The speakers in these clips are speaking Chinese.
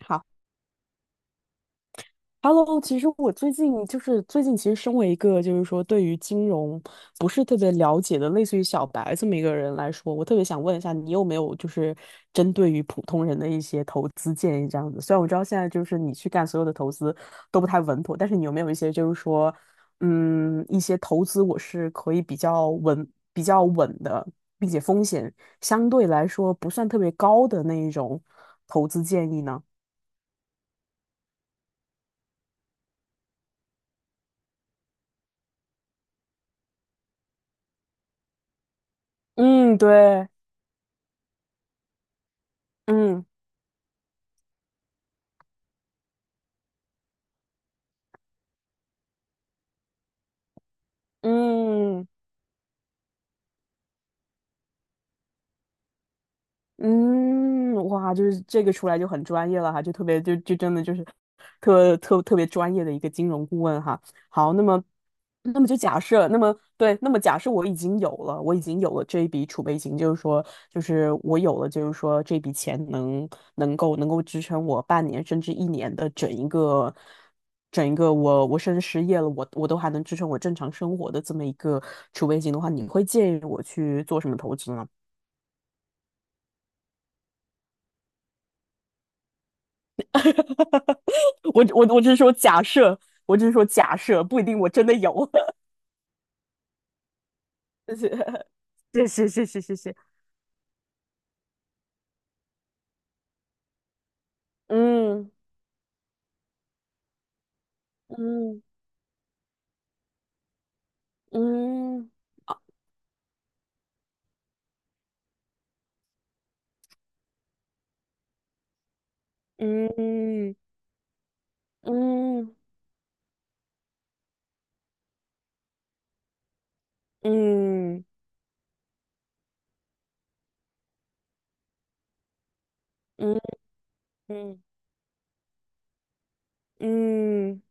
好，Hello，其实我最近其实身为一个就是说对于金融不是特别了解的，类似于小白这么一个人来说，我特别想问一下，你有没有就是针对于普通人的一些投资建议这样子？虽然我知道现在就是你去干所有的投资都不太稳妥，但是你有没有一些就是说，一些投资我是可以比较稳的，并且风险相对来说不算特别高的那一种投资建议呢？嗯，对，嗯。嗯嗯，哇，就是这个出来就很专业了哈，就特别就真的就是特别专业的一个金融顾问哈。好，那么那么就假设，那么对，那么假设我已经有了这一笔储备金，就是说，就是我有了，就是说这笔钱能够支撑我半年甚至一年的整一个我甚至失业了，我都还能支撑我正常生活的这么一个储备金的话，你会建议我去做什么投资呢？哈哈，我只是说假设，我只是说假设，不一定我真的有。谢谢谢谢谢谢，嗯嗯嗯嗯嗯嗯嗯嗯嗯。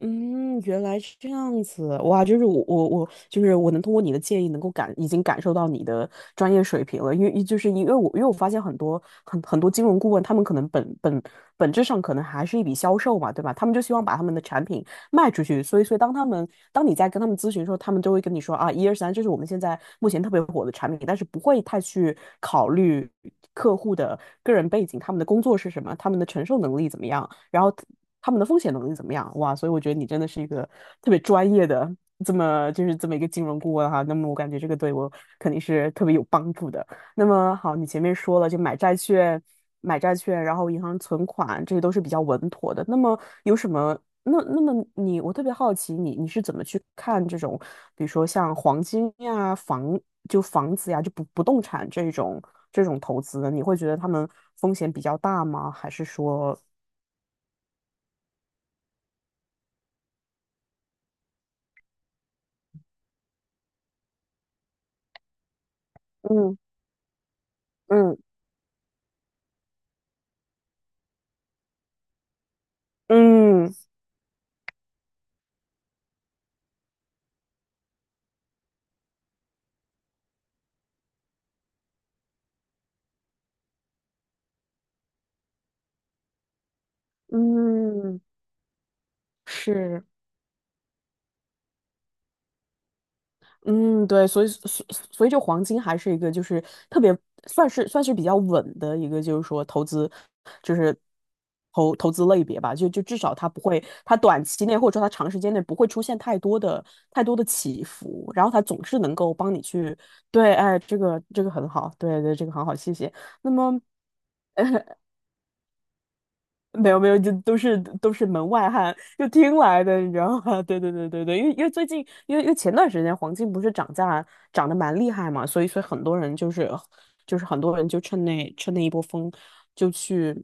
嗯，原来是这样子，哇，就是我我我，就是我能通过你的建议，能够已经感受到你的专业水平了，因为就是因为我发现很多金融顾问，他们可能本质上可能还是一笔销售嘛，对吧？他们就希望把他们的产品卖出去。所以，当他们当你在跟他们咨询的时候，他们都会跟你说啊，一二三，这是我们现在目前特别火的产品，但是不会太去考虑客户的个人背景、他们的工作是什么、他们的承受能力怎么样，然后他们的风险能力怎么样。哇，所以我觉得你真的是一个特别专业的这么一个金融顾问哈。那么我感觉这个对我肯定是特别有帮助的。那么好，你前面说了，就买债券,然后银行存款，这些都是比较稳妥的。那么有什么？那那么你，我特别好奇你是怎么去看这种，比如说像黄金呀、房子呀、就不动产这种投资的？你会觉得他们风险比较大吗？还是说，嗯嗯嗯嗯，是。嗯，对，所以就黄金还是一个就是特别算是比较稳的一个，就是说投资，就是投资类别吧，就至少它不会，它短期内或者说它长时间内不会出现太多的起伏，然后它总是能够帮你去，对，哎，这个很好，对对，这个很好，谢谢。那么 没有没有，就都是门外汉，就听来的，你知道吗？对对对对对，因为最近，因为前段时间黄金不是涨价涨得蛮厉害嘛，所以很多人就趁那一波风就去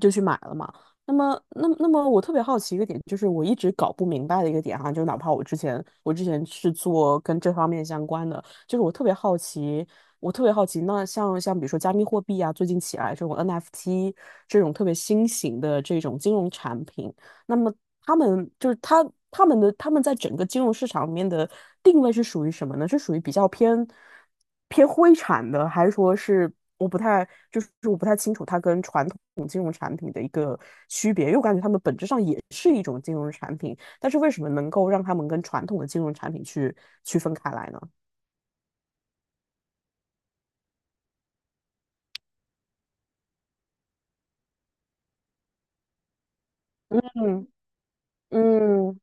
就去买了嘛。那么那么我特别好奇一个点，就是我一直搞不明白的一个点哈、就哪怕我之前是做跟这方面相关的，就是我特别好奇,那像比如说加密货币啊，最近起来这种 NFT 这种特别新型的这种金融产品，那么他们就是他他们的他们在整个金融市场里面的定位是属于什么呢？是属于比较偏灰产的，还是说是我不太清楚它跟传统金融产品的一个区别，因为我感觉它们本质上也是一种金融产品，但是为什么能够让他们跟传统的金融产品去区分开来呢？嗯。嗯，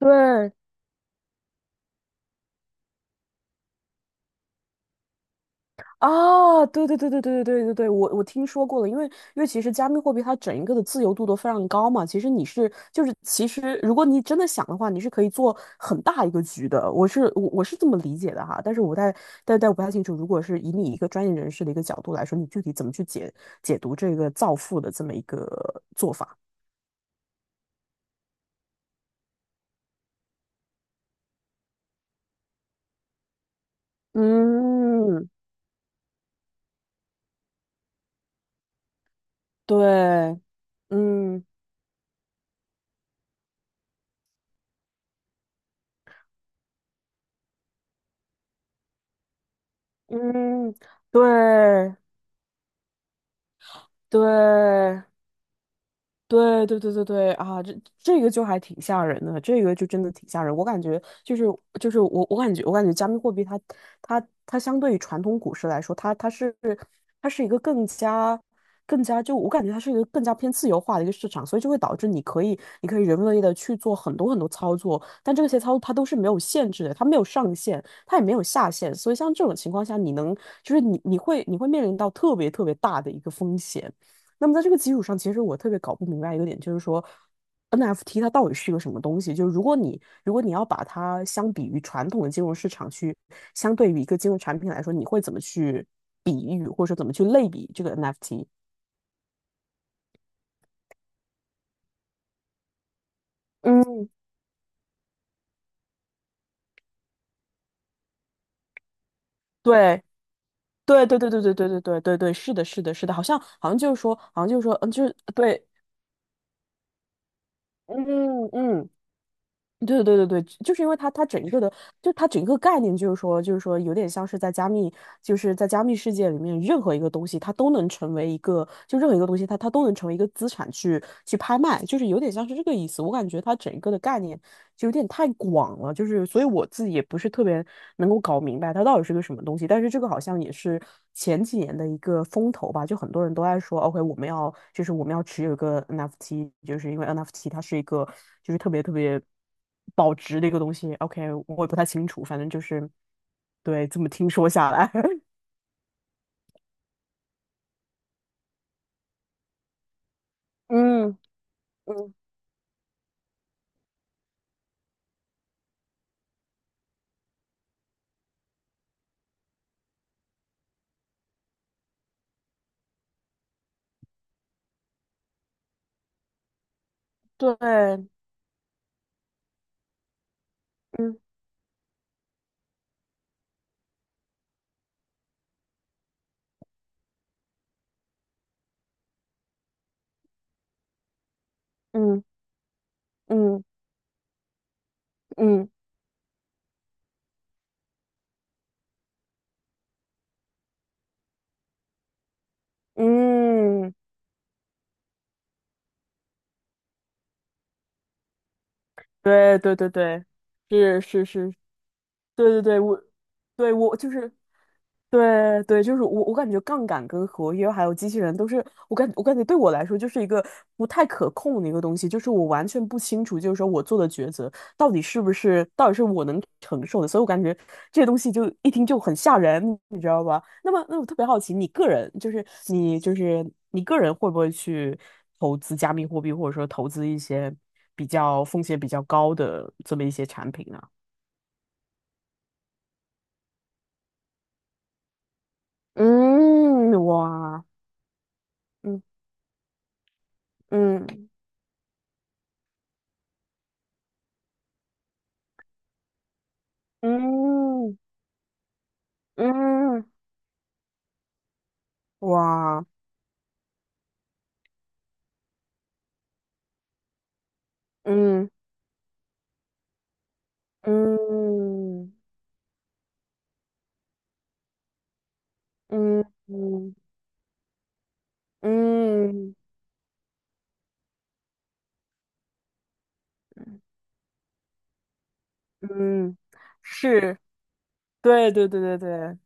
对啊，对对对对对对对对对，我听说过了，因为其实加密货币它整一个的自由度都非常高嘛，其实如果你真的想的话，你是可以做很大一个局的，我是这么理解的哈，但是我不太但但我不太清楚，如果是以你一个专业人士的一个角度来说，你具体怎么去解读这个造富的这么一个做法？嗯，对，嗯嗯，对对。对对对对对啊，这个就还挺吓人的，这个就真的挺吓人。我感觉就是我感觉加密货币它相对于传统股市来说，它是一个更加就我感觉它是一个更加偏自由化的一个市场，所以就会导致你可以人为的去做很多很多操作，但这些操作它都是没有限制的，它没有上限，它也没有下限，所以像这种情况下，你能就是你你会你会面临到特别特别大的一个风险。那么在这个基础上，其实我特别搞不明白一个点，就是说 NFT 它到底是一个什么东西？就是如果你要把它相比于传统的金融市场去，相对于一个金融产品来说，你会怎么去比喻，或者说怎么去类比这个 NFT?嗯，对对对对对对对对对对对，是的，是的，是的，好像好像就是说,嗯，就是对，嗯嗯，对对对对，就是因为它整一个的，就它整个概念就是说，有点像是在加密，就是在加密世界里面，任何一个东西它都能成为一个，就任何一个东西它都能成为一个资产去拍卖，就是有点像是这个意思。我感觉它整一个的概念就有点太广了，就是所以我自己也不是特别能够搞明白它到底是个什么东西。但是这个好像也是前几年的一个风头吧，就很多人都在说，OK,我们要持有一个 NFT,就是因为 NFT 它是一个就是特别特别保值的一个东西。OK,我也不太清楚，反正就是对这么听说下来，嗯嗯，对，嗯嗯嗯嗯嗯，对对对对，是是是，对对对，我就是。对对，就是我，我感觉杠杆跟合约还有机器人都是我感觉对我来说就是一个不太可控的一个东西，就是我完全不清楚，就是说我做的抉择到底是不是到底是我能承受的，所以我感觉这些东西就一听就很吓人，你知道吧？那么，那我特别好奇，你个人就是你就是你个人会不会去投资加密货币，或者说投资一些比较风险比较高的这么一些产品呢？嗯，哇，嗯嗯。嗯嗯，哇，嗯嗯嗯嗯嗯嗯，嗯是，对对对对对，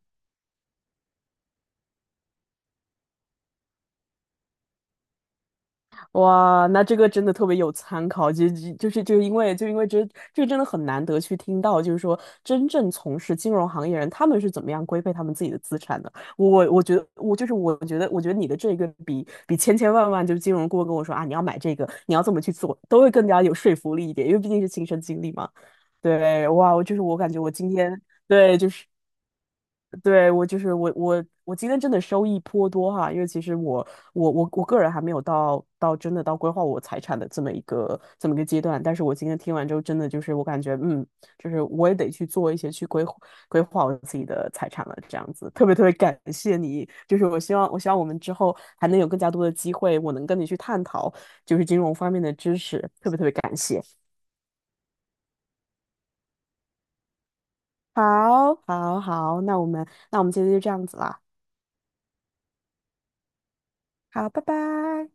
哇，那这个真的特别有参考，因为这个真的很难得去听到，就是说真正从事金融行业人他们是怎么样规备他们自己的资产的。我觉得我觉得你的这个比千千万万就是金融顾问跟我说啊，你要买这个，你要这么去做，都会更加有说服力一点，因为毕竟是亲身经历嘛。对，哇，我就是我感觉我今天对就是。对，我就是我我我今天真的收益颇多哈，因为其实我个人还没有到到真的到规划我财产的这么一个阶段，但是我今天听完之后，真的就是我感觉就是我也得去做一些去规划规划我自己的财产了，这样子特别特别感谢你，就是我希望我们之后还能有更加多的机会，我能跟你去探讨就是金融方面的知识，特别特别感谢。好，好，好，那我们今天就这样子啦，好，拜拜。